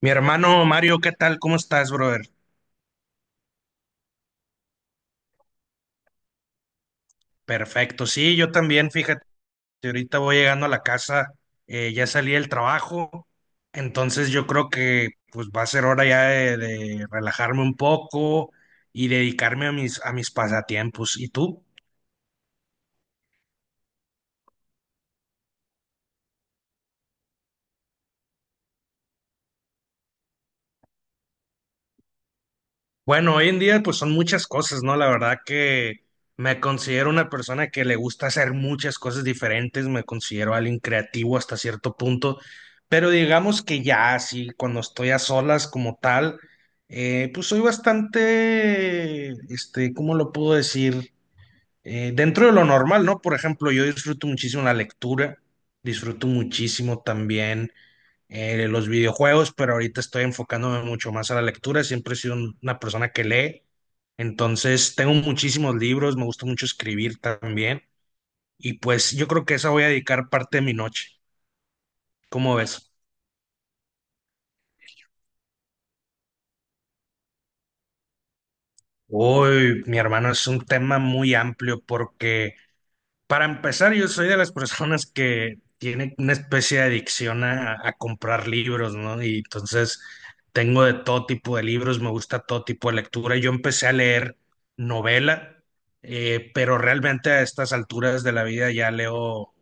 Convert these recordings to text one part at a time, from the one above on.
Mi hermano Mario, ¿qué tal? ¿Cómo estás, brother? Perfecto. Sí, yo también, fíjate, ahorita voy llegando a la casa, ya salí del trabajo, entonces yo creo que pues va a ser hora ya de relajarme un poco y dedicarme a mis pasatiempos. ¿Y tú? Bueno, hoy en día pues son muchas cosas, ¿no? La verdad que me considero una persona que le gusta hacer muchas cosas diferentes, me considero alguien creativo hasta cierto punto, pero digamos que ya así, cuando estoy a solas como tal, pues soy bastante, este, ¿cómo lo puedo decir? Dentro de lo normal, ¿no? Por ejemplo, yo disfruto muchísimo la lectura, disfruto muchísimo también los videojuegos, pero ahorita estoy enfocándome mucho más a la lectura. Siempre he sido una persona que lee. Entonces, tengo muchísimos libros, me gusta mucho escribir también. Y pues yo creo que esa voy a dedicar parte de mi noche. ¿Cómo ves? Uy, mi hermano, es un tema muy amplio porque para empezar, yo soy de las personas que tiene una especie de adicción a comprar libros, ¿no? Y entonces tengo de todo tipo de libros, me gusta todo tipo de lectura. Yo empecé a leer novela, pero realmente a estas alturas de la vida ya leo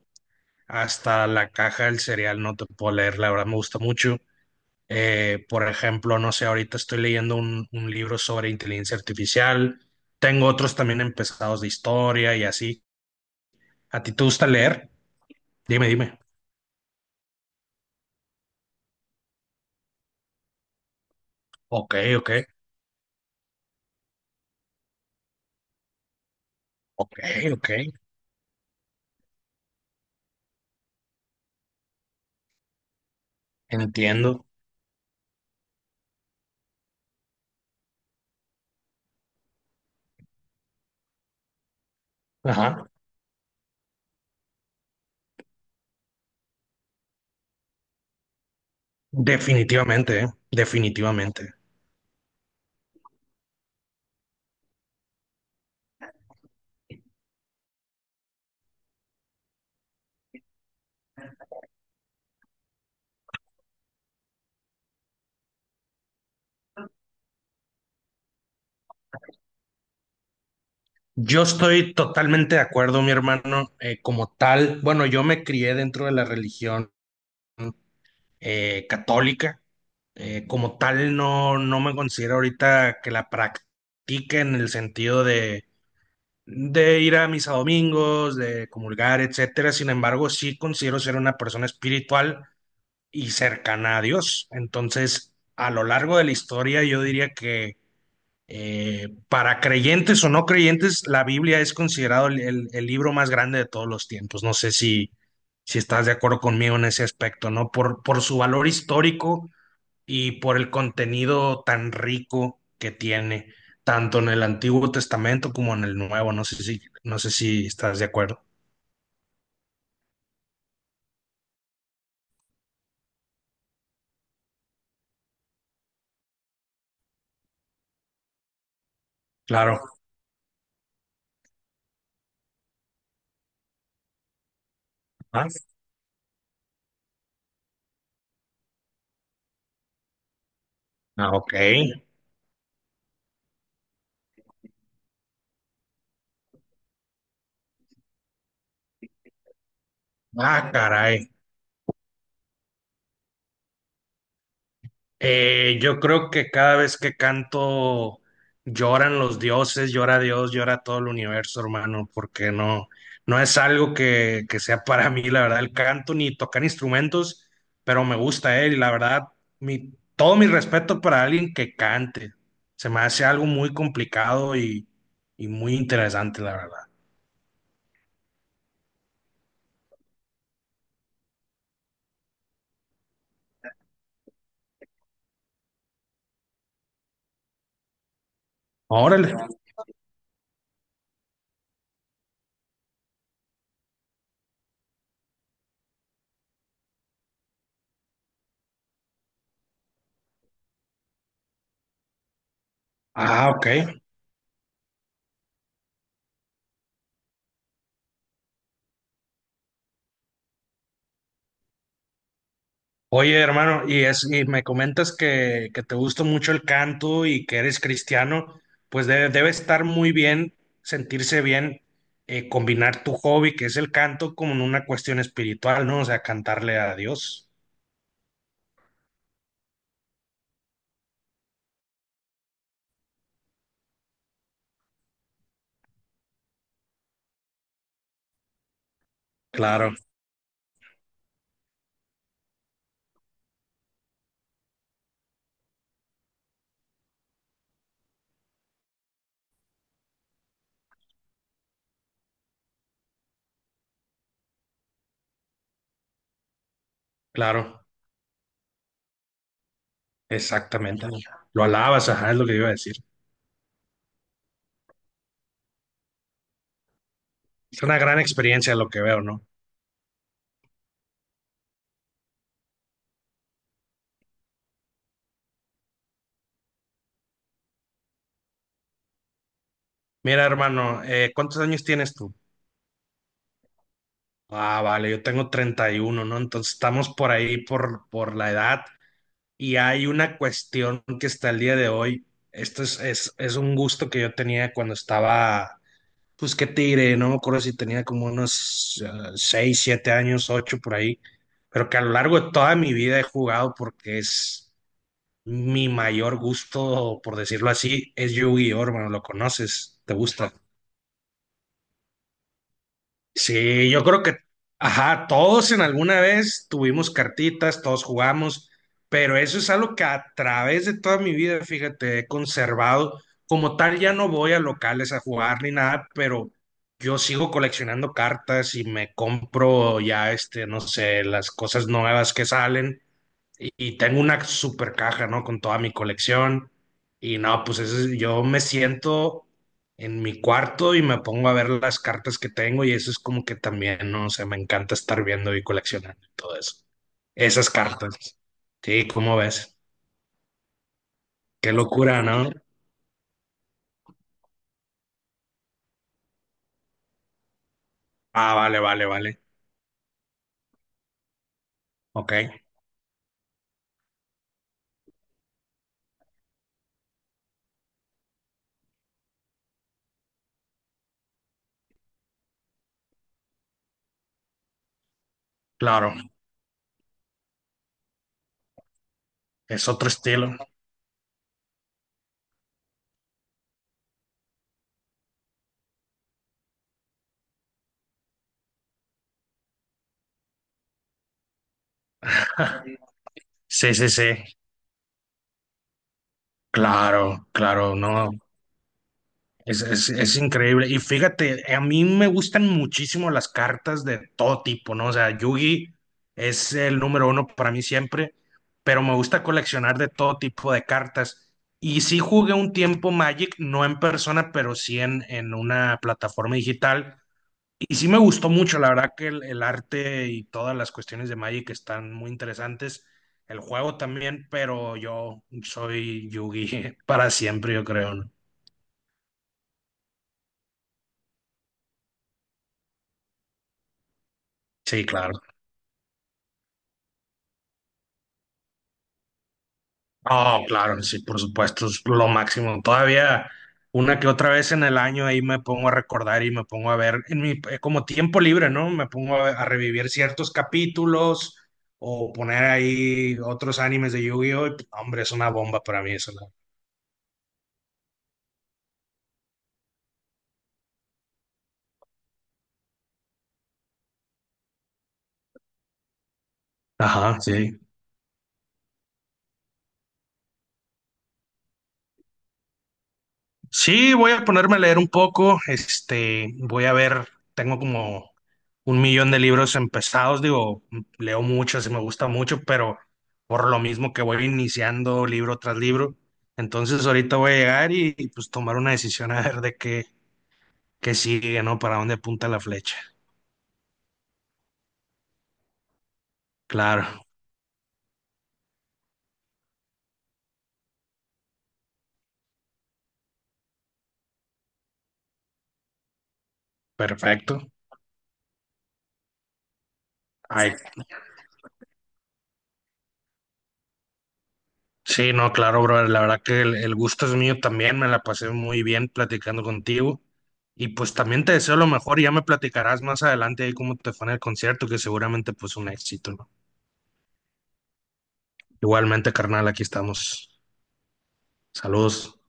hasta la caja del cereal, no te puedo leer, la verdad me gusta mucho. Por ejemplo, no sé, ahorita estoy leyendo un libro sobre inteligencia artificial, tengo otros también empezados de historia y así. ¿A ti te gusta leer? Dime, dime. Ok, ok, ok, ok. Entiendo. Ajá. Definitivamente, definitivamente. Yo estoy totalmente de acuerdo, mi hermano. Como tal, bueno, yo me crié dentro de la religión católica. Como tal, no me considero ahorita que la practique en el sentido de ir a misa domingos, de comulgar, etcétera. Sin embargo, sí considero ser una persona espiritual y cercana a Dios. Entonces, a lo largo de la historia, yo diría que para creyentes o no creyentes, la Biblia es considerado el libro más grande de todos los tiempos. No sé si, si estás de acuerdo conmigo en ese aspecto, ¿no? Por su valor histórico y por el contenido tan rico que tiene, tanto en el Antiguo Testamento como en el Nuevo. No sé si, no sé si estás de acuerdo. Claro. Ah, ah, ok. Ah, caray. Yo creo que cada vez que canto lloran los dioses, llora Dios, llora todo el universo, hermano, porque no, no es algo que sea para mí, la verdad, el canto ni tocar instrumentos, pero me gusta él y la verdad, todo mi respeto para alguien que cante. Se me hace algo muy complicado y muy interesante, la verdad. Órale. Ah, ok. Oye, hermano, y me comentas que te gusta mucho el canto y que eres cristiano, pues debe, debe estar muy bien, sentirse bien, combinar tu hobby, que es el canto, con una cuestión espiritual, ¿no? O sea, cantarle a Dios. Claro, claro, exactamente. Lo alabas, ajá, es lo que iba a decir. Es una gran experiencia lo que veo, ¿no? Mira, hermano, ¿cuántos años tienes tú? Ah, vale, yo tengo 31, ¿no? Entonces estamos por ahí por la edad y hay una cuestión que está el día de hoy. Esto es un gusto que yo tenía cuando estaba, pues qué te diré, no me acuerdo si tenía como unos 6, 7 años, 8 por ahí, pero que a lo largo de toda mi vida he jugado porque es mi mayor gusto, por decirlo así, es Yu-Gi-Oh, hermano, lo conoces, te gusta. Sí, yo creo que, ajá, todos en alguna vez tuvimos cartitas, todos jugamos, pero eso es algo que a través de toda mi vida, fíjate, he conservado. Como tal, ya no voy a locales a jugar ni nada, pero yo sigo coleccionando cartas y me compro ya, este, no sé, las cosas nuevas que salen y tengo una super caja, ¿no? Con toda mi colección. Y no, pues eso es- yo me siento en mi cuarto y me pongo a ver las cartas que tengo y eso es como que también, ¿no? O sea, me encanta estar viendo y coleccionando y todo eso. Esas cartas. Sí, ¿cómo ves? Qué locura, ¿no? Ah, vale, vale, vale. Ok, claro. Es otro estilo. Sí, sí, sí. Claro, claro, no. Es increíble. Y fíjate, a mí me gustan muchísimo las cartas de todo tipo, ¿no? O sea, Yugi es el número uno para mí siempre, pero me gusta coleccionar de todo tipo de cartas. Y sí jugué un tiempo Magic, no en persona, pero sí en una plataforma digital. Y sí me gustó mucho, la verdad que el arte y todas las cuestiones de Magic están muy interesantes. El juego también, pero yo soy Yugi para siempre, yo creo, ¿no? Sí, claro. No claro, sí, por supuesto, es lo máximo. Todavía una que otra vez en el año ahí me pongo a recordar y me pongo a ver en mi como tiempo libre, ¿no? Me pongo a revivir ciertos capítulos o poner ahí otros animes de Yu-Gi-Oh!, y hombre, es una bomba para mí eso. ¿No? Ajá, sí. Sí, voy a ponerme a leer un poco. Este, voy a ver, tengo como un millón de libros empezados. Digo, leo mucho, así me gusta mucho, pero por lo mismo que voy iniciando libro tras libro. Entonces ahorita voy a llegar pues tomar una decisión a ver de qué, qué sigue, ¿no? Para dónde apunta la flecha. Claro, perfecto. Ahí. Sí, no, claro, brother. La verdad que el gusto es mío también. Me la pasé muy bien platicando contigo. Y pues también te deseo lo mejor. Y ya me platicarás más adelante ahí cómo te fue en el concierto, que seguramente pues un éxito, ¿no? Igualmente, carnal, aquí estamos. Saludos.